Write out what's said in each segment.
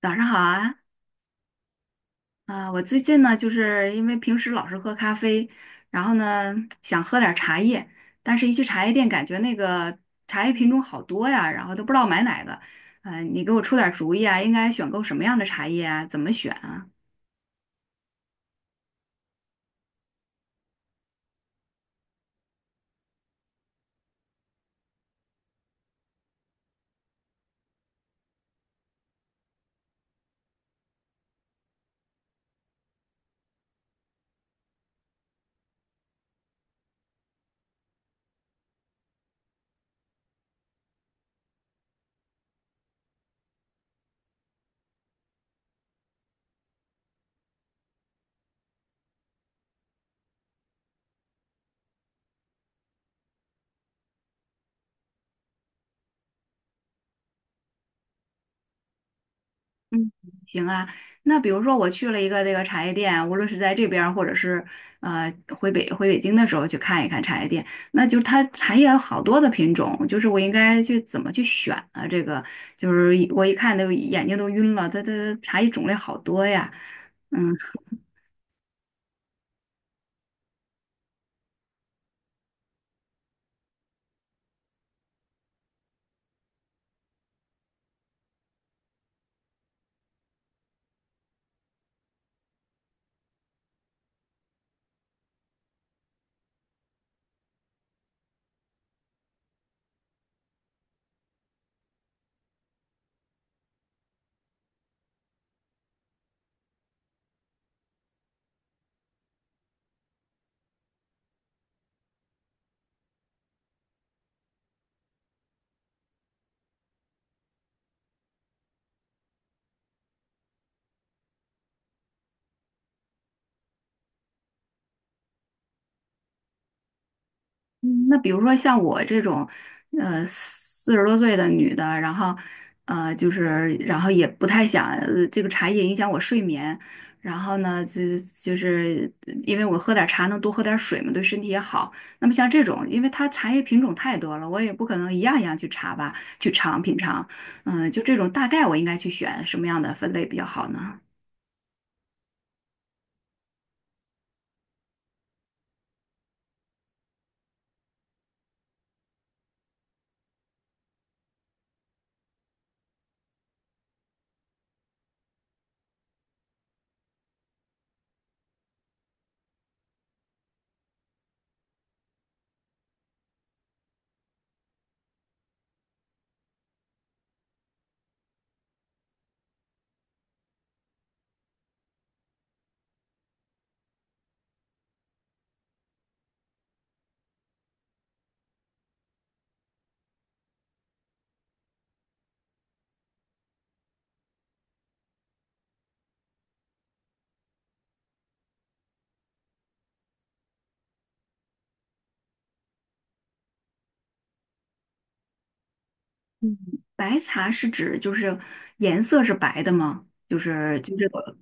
早上好啊，我最近呢，就是因为平时老是喝咖啡，然后呢想喝点儿茶叶，但是一去茶叶店，感觉那个茶叶品种好多呀，然后都不知道买哪个。你给我出点儿主意啊，应该选购什么样的茶叶啊？怎么选？嗯，行啊。那比如说我去了一个这个茶叶店，无论是在这边儿或者是呃回北京的时候去看一看茶叶店，那就是它茶叶有好多的品种，就是我应该去怎么去选啊？这个就是我一看都眼睛都晕了，它茶叶种类好多呀。嗯。嗯那比如说像我这种，40多岁的女的，然后，就是，然后也不太想，这个茶叶影响我睡眠，然后呢，就是因为我喝点茶能多喝点水嘛，对身体也好。那么像这种，因为它茶叶品种太多了，我也不可能一样一样去查吧，去品尝。嗯，就这种大概我应该去选什么样的分类比较好呢？嗯，白茶是指就是颜色是白的吗？就是就这个。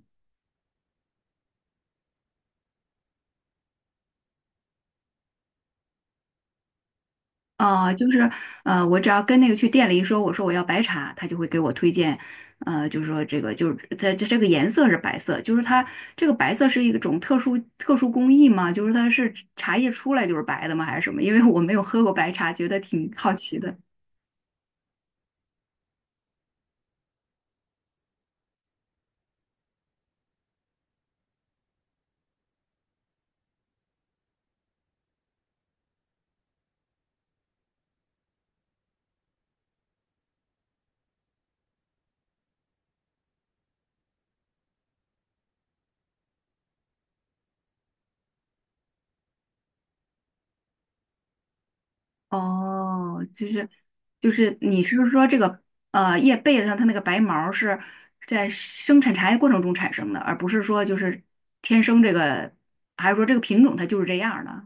啊，就是我只要跟那个去店里一说，我说我要白茶，他就会给我推荐，就是说这个就是在这这个颜色是白色，就是它这个白色是一种特殊工艺吗？就是它是茶叶出来就是白的吗？还是什么？因为我没有喝过白茶，觉得挺好奇的。哦，就是你是说这个叶背子上它那个白毛儿是在生产茶叶过程中产生的，而不是说就是天生这个，还是说这个品种它就是这样儿的？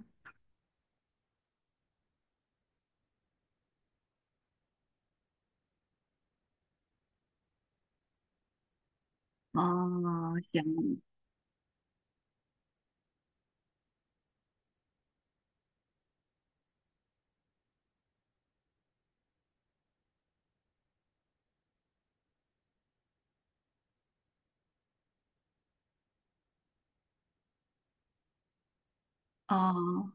哦，行，哦，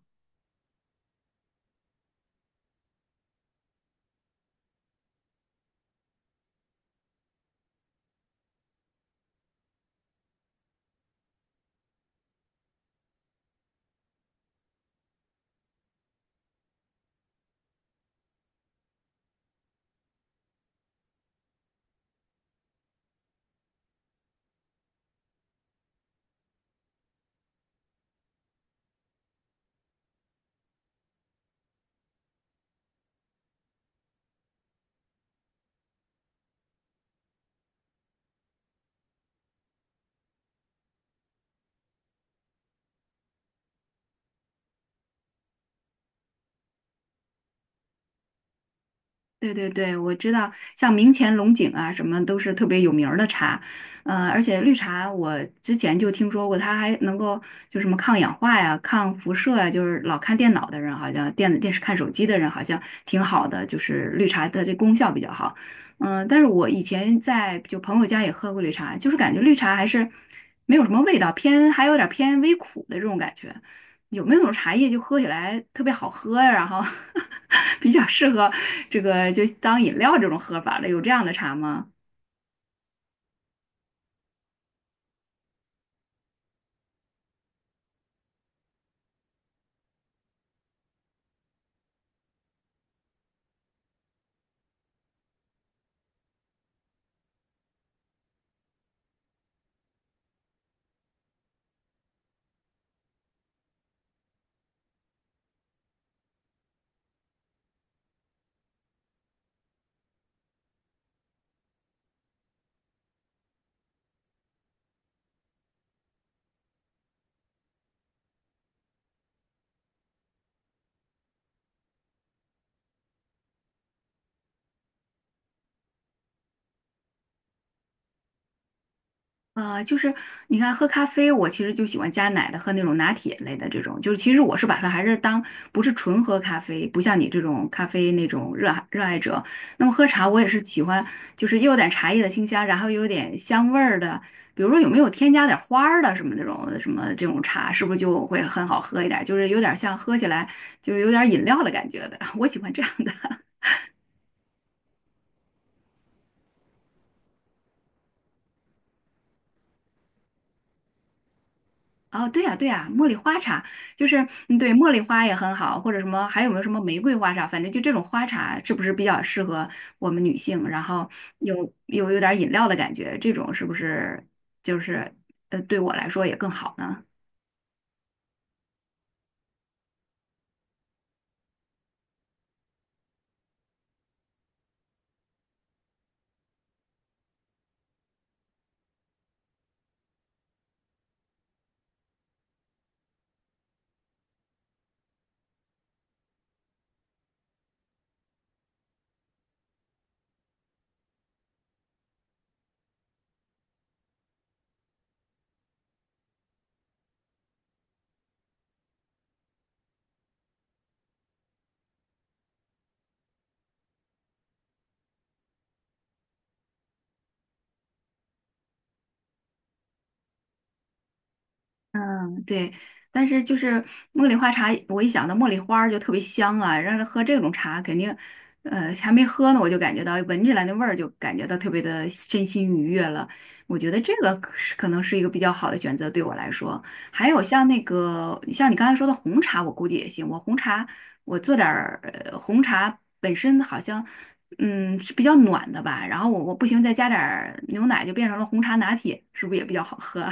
对对对，我知道，像明前龙井啊，什么都是特别有名儿的茶，而且绿茶我之前就听说过，它还能够就什么抗氧化呀、抗辐射呀，就是老看电脑的人好像电子电视看手机的人好像挺好的，就是绿茶的这功效比较好，但是我以前在就朋友家也喝过绿茶，就是感觉绿茶还是没有什么味道，偏还有点儿偏微苦的这种感觉。有没有那种茶叶就喝起来特别好喝呀，然后 比较适合这个就当饮料这种喝法的，有这样的茶吗？就是你看，喝咖啡，我其实就喜欢加奶的，喝那种拿铁类的这种。就是其实我是把它还是当不是纯喝咖啡，不像你这种咖啡那种热爱者。那么喝茶，我也是喜欢，就是又有点茶叶的清香，然后又有点香味儿的。比如说有没有添加点花儿的什么这种茶，是不是就会很好喝一点？就是有点像喝起来就有点饮料的感觉的，我喜欢这样的。哦，对呀，对呀，茉莉花茶就是嗯，对，茉莉花也很好，或者什么，还有没有什么玫瑰花茶？反正就这种花茶是不是比较适合我们女性？然后有有点饮料的感觉，这种是不是就是对我来说也更好呢？嗯，对，但是就是茉莉花茶，我一想到茉莉花儿就特别香啊，让他喝这种茶肯定，还没喝呢，我就感觉到闻起来那味儿就感觉到特别的身心愉悦了。我觉得这个可能是一个比较好的选择对我来说。还有像那个像你刚才说的红茶，我估计也行。我做点儿红茶本身好像是比较暖的吧，然后我不行再加点儿牛奶就变成了红茶拿铁，是不是也比较好喝？啊？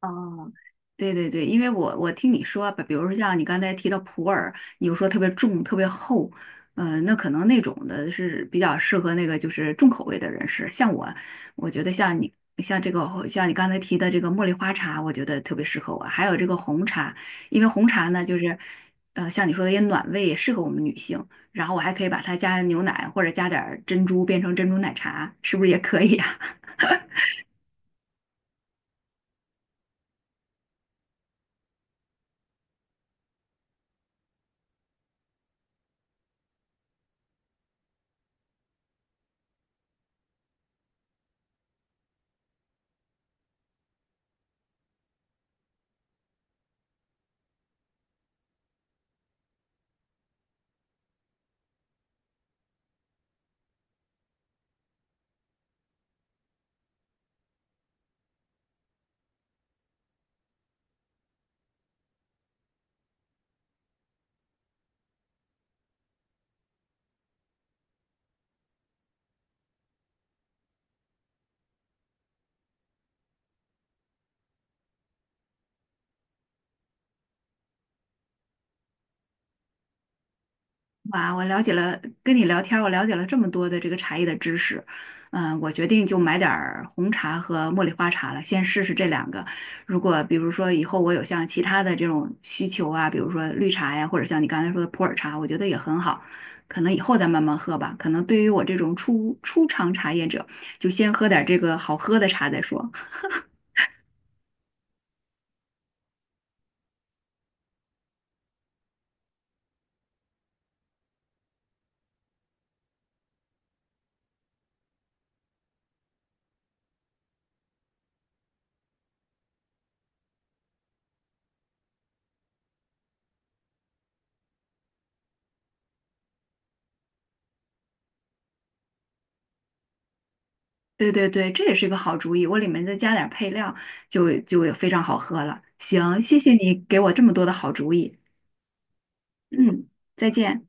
哦，对对对，因为我听你说啊，比如说像你刚才提到普洱，你又说特别重、特别厚，那可能那种的是比较适合那个就是重口味的人士。像我，我觉得像你刚才提的这个茉莉花茶，我觉得特别适合我。还有这个红茶，因为红茶呢就是，像你说的也暖胃，也适合我们女性。然后我还可以把它加牛奶或者加点儿珍珠，变成珍珠奶茶，是不是也可以啊？哇，我了解了，跟你聊天儿我了解了这么多的这个茶叶的知识，我决定就买点儿红茶和茉莉花茶了，先试试这两个。如果比如说以后我有像其他的这种需求啊，比如说绿茶呀，或者像你刚才说的普洱茶，我觉得也很好，可能以后再慢慢喝吧。可能对于我这种初尝茶叶者，就先喝点儿这个好喝的茶再说。对对对，这也是一个好主意，我里面再加点儿配料，就非常好喝了。行，谢谢你给我这么多的好主意。嗯，再见。